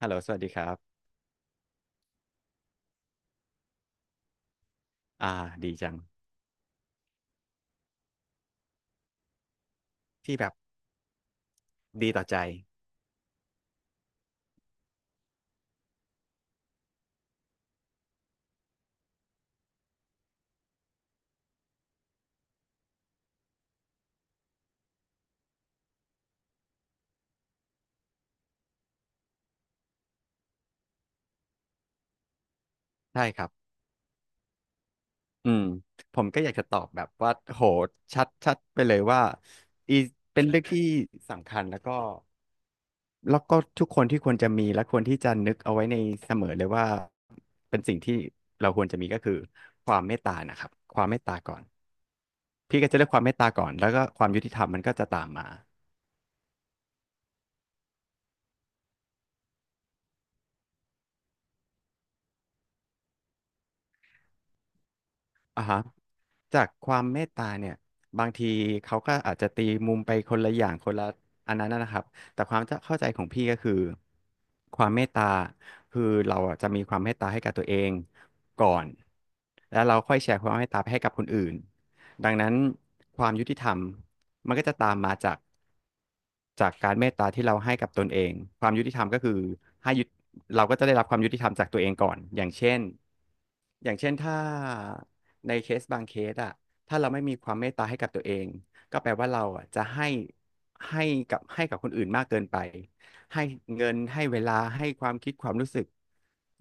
ฮัลโหลสวัสดีครับอ่าดีจังที่แบบดีต่อใจใช่ครับ อืม ผมก็อยากจะตอบแบบว่า โหชัดไปเลยว่าอีเป็นเรื่องที่สำคัญแล้วก็ทุกคนที่ควรจะมีและควรที่จะนึกเอาไว้ในเสมอเลยว่าเป็นสิ่งที่เราควรจะมีก็คือ ความเมตตานะครับ ความเมตตาก่อน พี่ก็จะเลือกความเมตตาก่อน แล้วก็ความยุติธรรมมันก็จะตามมา อ่าฮะจากความเมตตาเนี่ยบางทีเขาก็อาจจะตีมุมไปคนละอย่างคนละอันนั้นนะครับแต่ความจะเข้าใจของพี่ก็คือความเมตตาคือเราอะจะมีความเมตตาให้กับตัวเองก่อนแล้วเราค่อยแชร์ความเมตตาไปให้กับคนอื่นดังนั้นความยุติธรรมมันก็จะตามมาจากการเมตตาที่เราให้กับตนเองความยุติธรรมก็คือให้ยุติเราก็จะได้รับความยุติธรรมจากตัวเองก่อนอย่างเช่น อย่างเช่นถ้าในเคสบางเคสอะถ้าเราไม่มีความเมตตาให้กับตัวเองก็แปลว่าเราอะจะให้ให้ให้กับคนอื่นมากเกินไปให้เงินให้เวลาให้ความคิดความรู้สึก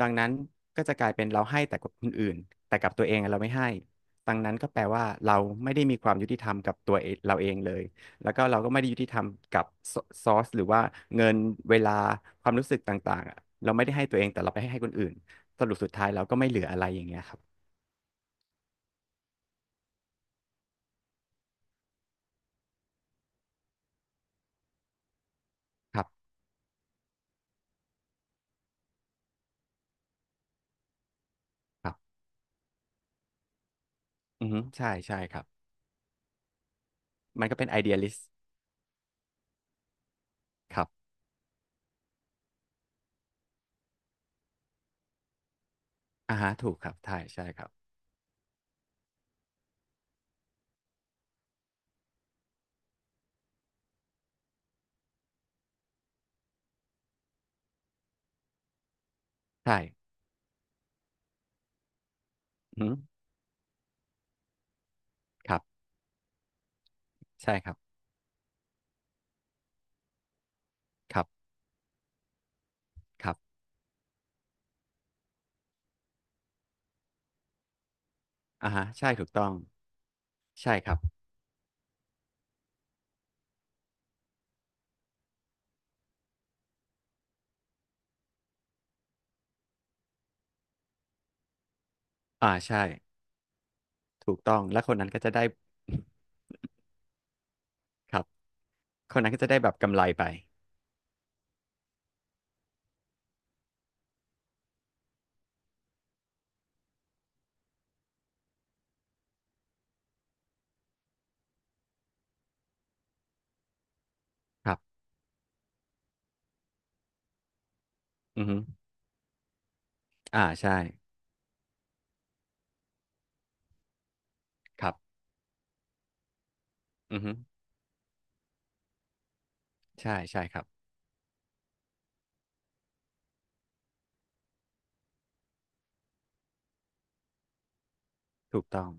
ดังนั้นก็จะกลายเป็นเราให้แต่กับคนอื่นแต่กับตัวเองอะเราไม่ให้ดังนั้นก็แปลว่าเราไม่ได้มีความยุติธรรมกับตัวเองเราเองเลยแล้วก็เราก็ไม่ได้ยุติธรรมกับซอสหรือว่าเงินเวลาความรู้สึกต่างๆอะเราไม่ได้ให้ตัวเองแต่เราไปให้คนอื่นครับ อือฮึใช่ใช่ครับมันก็เป็นไอเดียลิสต์ครับอ่าฮะถูกครับใช่ใช่ครับใช่อือฮึครับใช่ครับครับครับอ่าฮะใช่ถูกต้องใช่ครับอ่าใช่ถูกต้องแล้วคนนั้นก็จะได้ ครับคนนั้นก็จะได้แบบกำไรไปครับอือฮึอ่าใช่ครับอือฮึใช่ใช่ครับถูกต้อง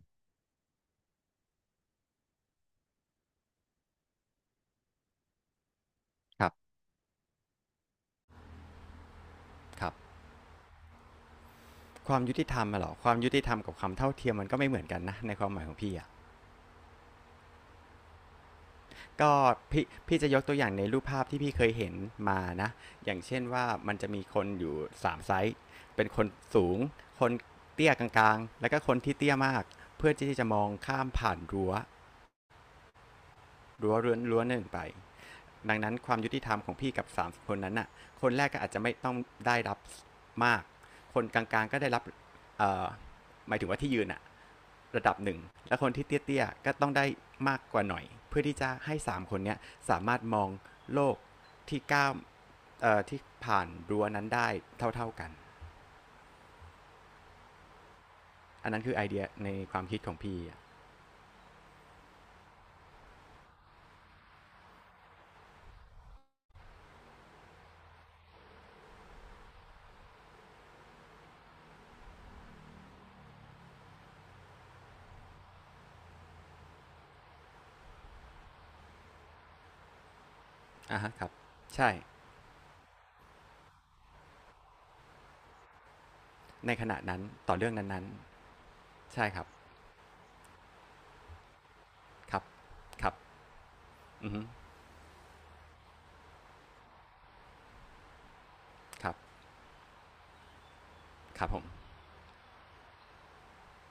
ครับครับความยุติธรรมอะเหรอความยุติธรรมกับความเท่าเทียมมันก็ไม่เหมือนกันนะในความหมายของพี่อะ ก็พี่จะยกตัวอย่างในรูปภาพที่พี่เคยเห็นมานะอย่างเช่นว่ามันจะมีคนอยู่สามไซส์เป็นคนสูง คนเตี้ยกลางๆแล้วก็คนที่เตี้ยมาก เพื่อที่จะมองข้ามผ่านรั้วเรือนรั้วหนึ่งไป ดังนั้นความยุติธรรมของพี่กับ3คนนั้นน่ะคนแรกก็อาจจะไม่ต้องได้รับมาก คนกลางๆก็ได้รับเอ่อหมายถึงว่าที่ยืนอ่ะ ระดับหนึ่งและคนที่เตี้ยๆก็ต้องได้มากกว่าหน่อยเพื่อที่จะให้3คนนี้สามารถมองโลกที่ก้าว่ที่ผ่านรั้วนั้นได้เท่าๆกันอันนั้นคือไอเดียในความคิดของพี่อะอ่ะฮะครับใช่ ในขณะนั้นต่อเรื่องนั้นๆใช่ครับครับครับอือฮึครับครับผม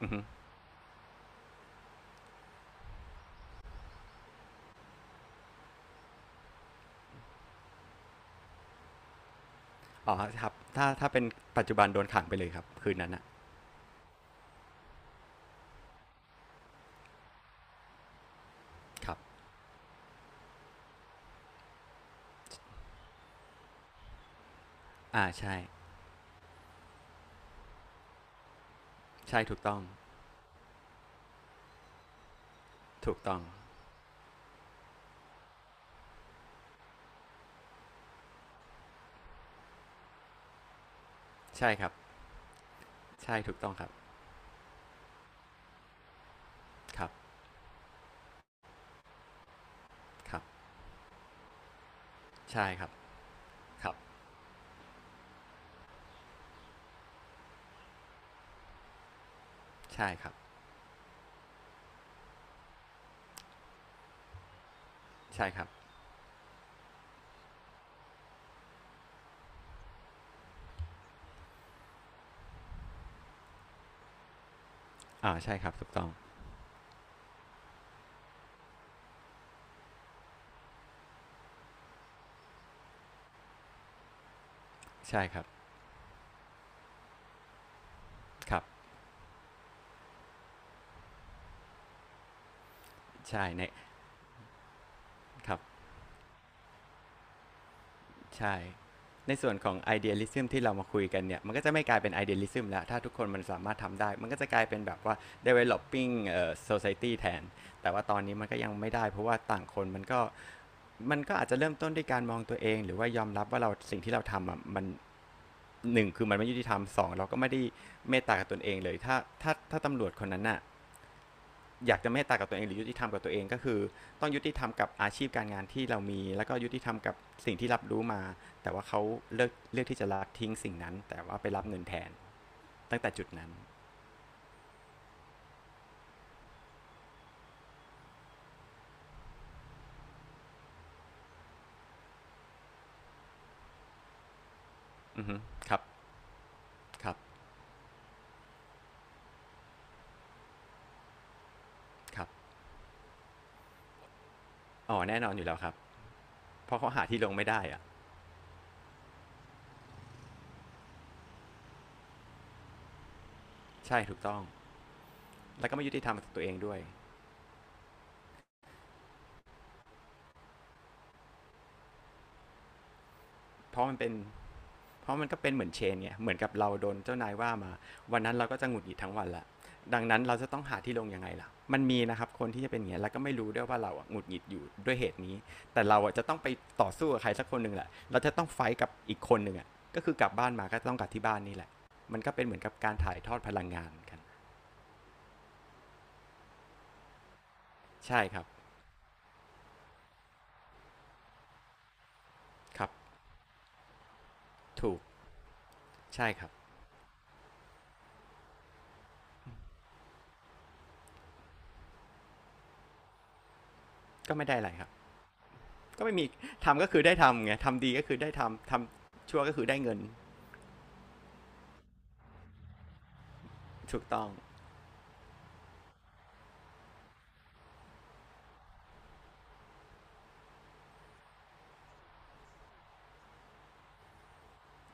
อือฮึอ๋อครับถ้าเป็นปัจจุบันโดนขังไปเลยครับคืนนั้นอะครับอ่าใช่ ใช่ถูกต้องถูกต้อง ใช่ครับ ใช่ถูกต้องครับครับ ครับใช่ครับครับใช่ครับใช่ครับอ่าใช่ครับถูกต้องใช่ครับครับใช่ในครับใช่ในส่วนของ idealism ที่เรามาคุยกันเนี่ยมันก็จะไม่กลายเป็น idealism แล้วถ้าทุกคนมันสามารถทำได้มันก็จะกลายเป็นแบบว่า developing society แทนแต่ว่าตอนนี้มันก็ยังไม่ได้เพราะว่าต่างคนมันก็มันก็อาจจะเริ่มต้นด้วยการมองตัวเองหรือว่ายอมรับว่าเราสิ่งที่เราทำอ่ะมันหนึ่งคือมันไม่ยุติธรรมสองเราก็ไม่ได้เมตตากับตนเองเลยถ้าถ้าตำรวจคนนั้นน่ะ อยากจะเมตตากับตัวเองหรือยุติธรรมกับตัวเองก็คือต้องยุติธรรมกับอาชีพการงานที่เรามีแล้วก็ยุติธรรมกับสิ่งที่รับรู้มาแต่ว่าเขาเลือกที่จะละทิ้งสิ่งนั้นแต่ว่าไปรับเงินแทนตั้งแต่จุดนั้นอือฮึครับครับครับอ๋อแน่นอนอยู่แล้วครับเพราะเขาหาที่ลงไม่ได้อะใช่ถูกต้องแล้วก็ไม่ยุติธรรมกับตัวเองด้วยเพราะมันเป็น เพราะมันก็เป็นเหมือนเชนเนี่ยเหมือนกับเราโดนเจ้านายว่ามาวันนั้นเราก็จะหงุดหงิดทั้งวันละดังนั้นเราจะต้องหาที่ลงยังไงล่ะมันมีนะครับคนที่จะเป็นอย่างเงี้ยแล้วก็ไม่รู้ด้วยว่าเราอหงุดหงิดอยู่ด้วยเหตุนี้แต่เราจะต้องไปต่อสู้กับใครสักคนหนึ่งแหละเราจะต้องไฟท์กับอีกคนหนึ่งอ่ะก็คือกลับบ้านมาก็ต้องกลับที่บ้านนี่แหละมันก็เป็นเหมือนกับการถ่ายทอดพลังงานกันใช่ครับ ครับ ถูก ใช่ครับก็ไม่ได้อะไรครับก็ไม่มีทำก็คือได้ทำไงทำดีก็คือได้ทำทำชั่วก็คือได้เงินถูกต้อง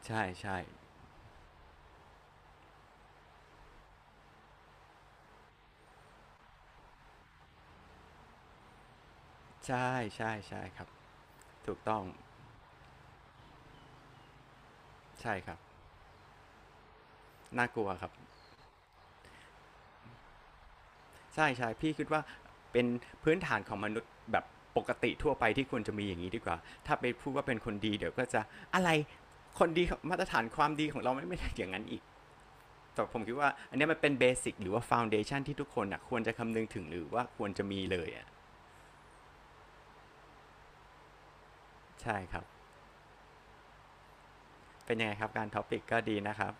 ใช่ใช่ ใช่ใช่ใช่ครับถูกต้องใช่ครับน่ากลัวครับใช่ใช่พี่คิดว่าเป็นพื้นฐานของมนุษย์แบบปกติทั่วไปที่ควรจะมีอย่างนี้ดีกว่าถ้าไปพูดว่าเป็นคนดีเดี๋ยวก็จะอะไรคนดีมาตรฐานความดีของเราไม่ได้อย่างนั้นอีกแต่ผมคิดว่าอันเนี้ยมันเป็นเบสิกหรือว่าฟ u n เดชันที่ทุกคนอ่ะควรจะคำนึงถึงหรือว่าควรจะมีเลยอ่ะใช่ครับเป็นยังไงครับการท็อปิกก็ดีนะครับ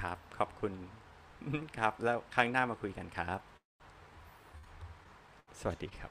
ครับขอบคุณ ครับแล้วครั้งหน้ามาคุยกันครับสวัสดีครับ